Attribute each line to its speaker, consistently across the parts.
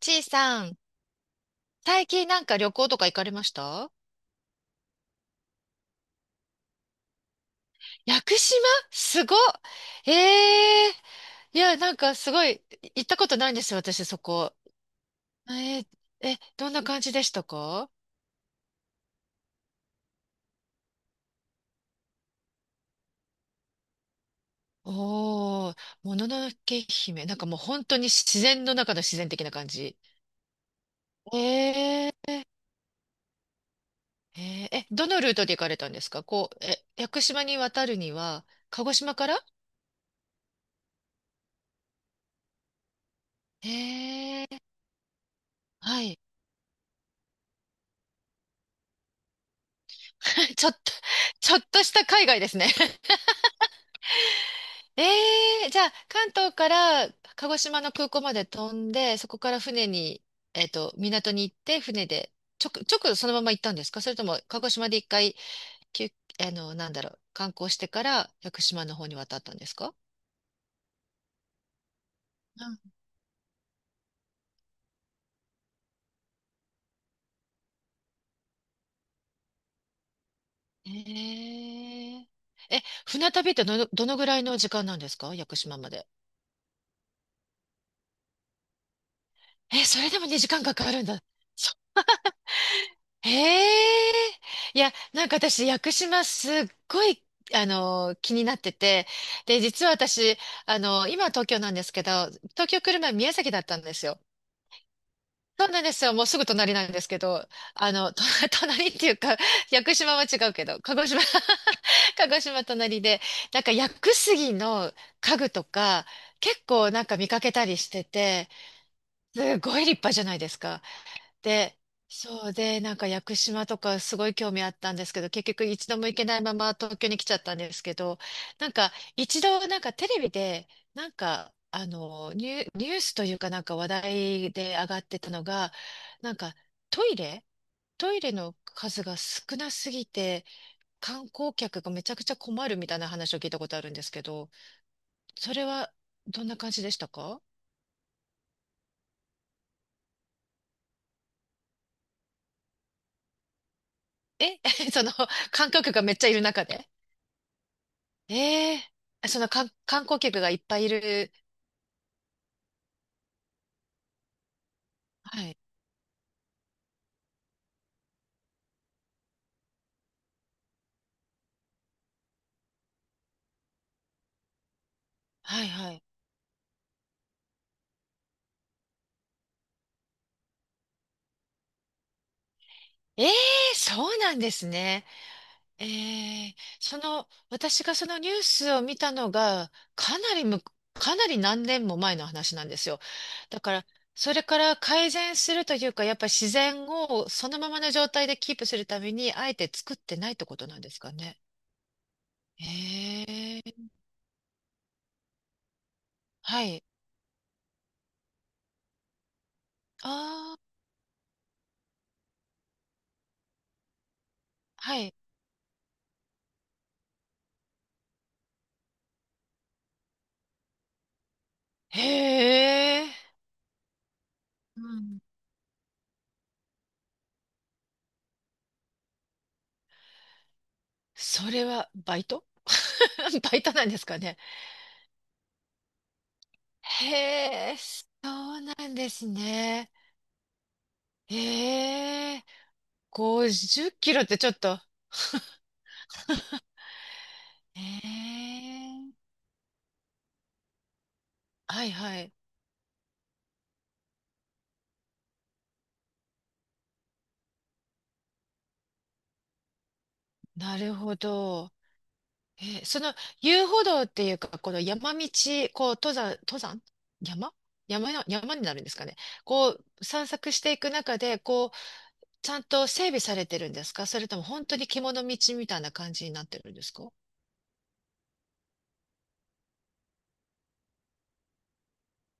Speaker 1: ちいさん、最近なんか旅行とか行かれました？屋久島。すごっ。ええー、いや、なんかすごい、行ったことないんですよ、私そこ。えー。え、どんな感じでしたか？おー、もののけ姫。なんかもう本当に自然の中の自然的な感じ。えー、えー。え、どのルートで行かれたんですか？こう、え、屋久島に渡るには、鹿児島から？えー、はい。ちょっと、ちょっとした海外ですね。ええ。じゃあ、関東から鹿児島の空港まで飛んで、そこから船に、えっと、港に行って、船で、直そのまま行ったんですか？それとも、鹿児島で一回、休、あの、なんだろう、観光してから、屋久島の方に渡ったんですか？うん。ええ。え、船旅ってどのぐらいの時間なんですか、屋久島まで。え、それでもね、時間かかるんだ。へえ。いや、なんか私、屋久島すっごい、あの、気になってて、で、実は私、あの、今は東京なんですけど、東京来る前宮崎だったんですよ。そうなんですよ。もうすぐ隣なんですけど、あの、と、 隣っていうか、屋久島は違うけど、鹿児島、 鹿児島隣で、なんか屋久杉の家具とか、結構なんか見かけたりしてて、すごい立派じゃないですか。で、そうで、なんか屋久島とかすごい興味あったんですけど、結局一度も行けないまま東京に来ちゃったんですけど、なんか一度なんかテレビで、なんかあのニュースというかなんか話題で上がってたのが、なんかトイレ、トイレの数が少なすぎて観光客がめちゃくちゃ困るみたいな話を聞いたことあるんですけど、それはどんな感じでしたか？え。 その観光客がめっちゃいる中で。ええー。その観光客がいっぱいいる。はい。はいはい。ええー、そうなんですね。ええー。その、私がそのニュースを見たのが、かなりむ、かなり何年も前の話なんですよ。だから、それから改善するというか、やっぱ自然をそのままの状態でキープするために、あえて作ってないってことなんですかね。ええー、はい。ああ、はい。へえ。うん。それはバイト、 バイトなんですかね。へえ、そうなんですね。ええ、50キロってちょっと。へえ、はいはい。なるほど。えその遊歩道っていうか、この山道、こう登山、登山、山、山の、山になるんですかね。こう散策していく中で、こう、ちゃんと整備されてるんですか？それとも本当に獣道みたいな感じになってるんですか？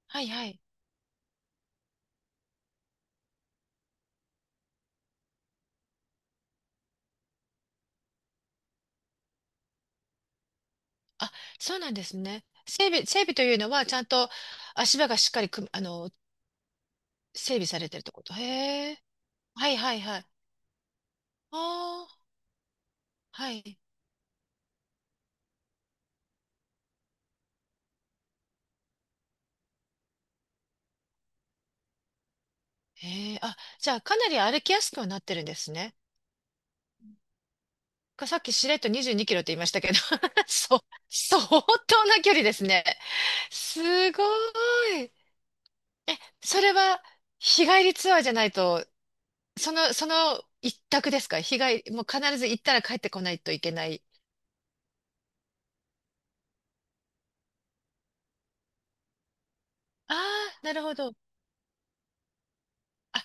Speaker 1: はいはい。あ、そうなんですね。整備というのは、ちゃんと足場がしっかりく、あの、整備されてるってこと。へえ。はいはいはい。ああ、はい。へえ。あ、じゃあ、かなり歩きやすくはなってるんですね。か、さっきしれっと22キロって言いましたけど、そう、相当な距離ですね。すごい。え、それは、日帰りツアーじゃないと、その、その一択ですか？日帰り、もう必ず行ったら帰ってこないといけない。ああ、なるほど。あ、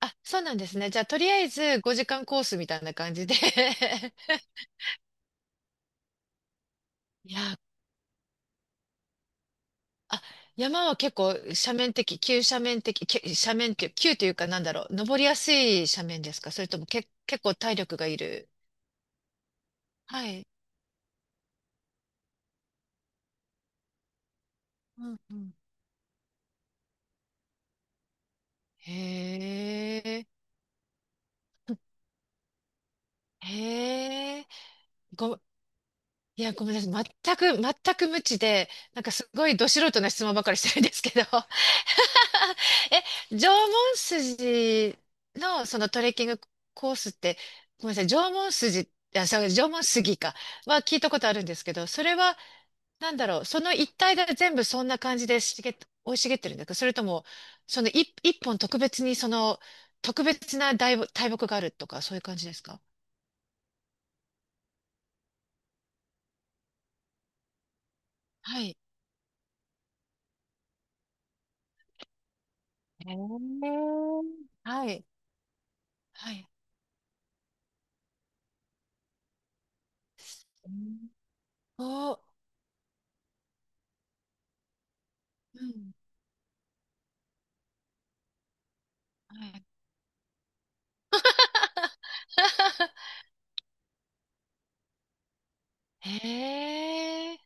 Speaker 1: あ、そうなんですね。じゃあ、とりあえず5時間コースみたいな感じで。 いや、あ、山は結構斜面的、急斜面的、け斜面、急急というかなんだろう、登りやすい斜面ですか？それともけ、結構体力がいる。はい。うんうん。へえ、へえ、ご、いや、ごめんなさい。全く、全く無知で、なんかすごいど素人な質問ばかりしてるんですけど。 え、縄文筋のそのトレッキングコースって、ごめんなさい、縄文筋、あ、そう、縄文杉か、は聞いたことあるんですけど、それは、なんだろう、その一帯が全部そんな感じで茂っ、生い茂ってるんですか？それとも、その一、一本特別にその、特別な大木、大木があるとか、そういう感じですか？はい。へー、はい。はい。うん。お、うん。はい。へえ。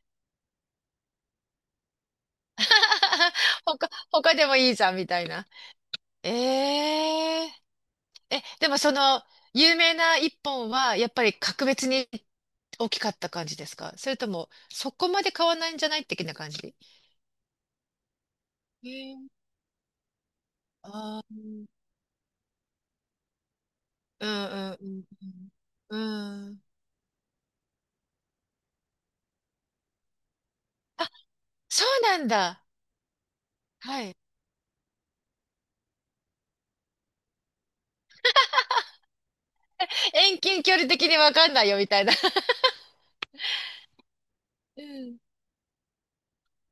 Speaker 1: 他、他でもいいじゃん、みたいな。えええ、でもその、有名な一本は、やっぱり格別に大きかった感じですか？それとも、そこまで買わないんじゃない的な感じ？え、ああー、うんうんうんうん。うん。あ、そうなんだ。はい。遠近距離的にわかんないよ、みたいな。うん。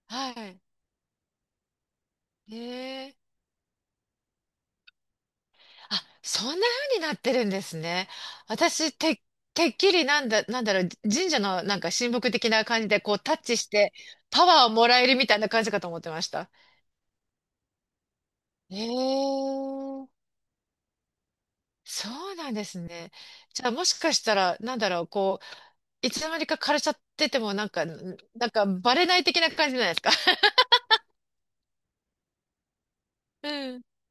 Speaker 1: はい。ええ。あ、そんな風になってるんですね。私、て、てっきりなんだ、なんだろう、神社のなんか神木的な感じでこうタッチしてパワーをもらえるみたいな感じかと思ってました。ええ、そうなんですね。じゃあもしかしたら、なんだろう、こう、いつの間にか枯れちゃっててもなんか、なんかバレない的な感じじゃないですか。うん。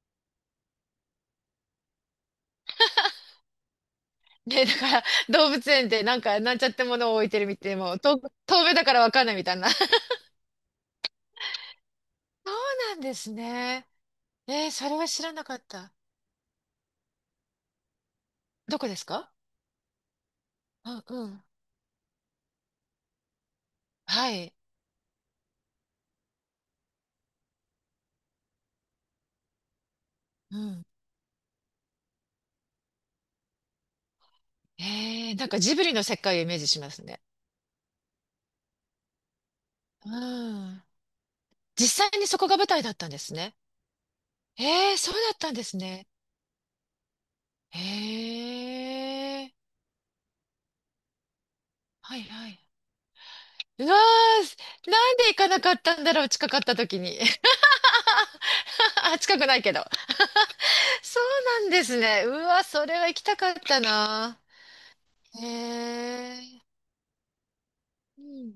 Speaker 1: ね、だから動物園でなんかなんちゃってものを置いてるみたいな、もう遠、遠目だからわかんないみたいな。そうなんですね。えー、それは知らなかった。どこですか？うんうん。はい。うん。えー、なんかジブリの世界をイメージしますね。うん。実際にそこが舞台だったんですね。えー、そうだったんですね。へえ。はいはい。うわー、なんで行かなかったんだろう、近かった時に。あ、近くないけど。そうなんですね。うわ、それは行きたかったな。へえ。うん。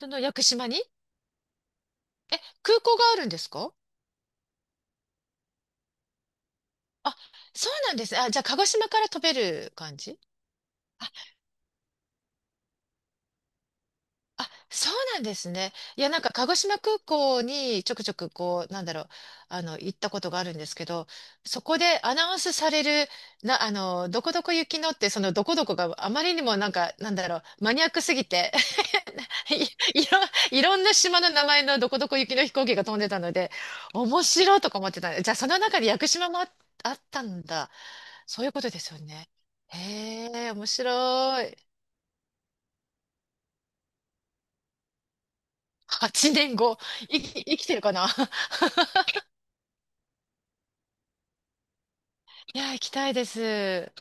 Speaker 1: その屋久島に。え、空港があるんですか？あ、そうなんですね。あ、じゃあ、鹿児島から飛べる感じ？あ、あ、そうなんですね。いや、なんか、鹿児島空港にちょくちょく、こう、なんだろう、あの、行ったことがあるんですけど、そこでアナウンスされる、な、あの、どこどこ行きのって、その、どこどこがあまりにもなんか、なんだろう、マニアックすぎて、い、いろ、いろんな島の名前のどこどこ行きの飛行機が飛んでたので、面白いとか思ってた。じゃあ、その中で屋久島もあ、あったんだ。そういうことですよね。へえ、面白い。8年後、生き、生きてるかな。 いや、行きたいです。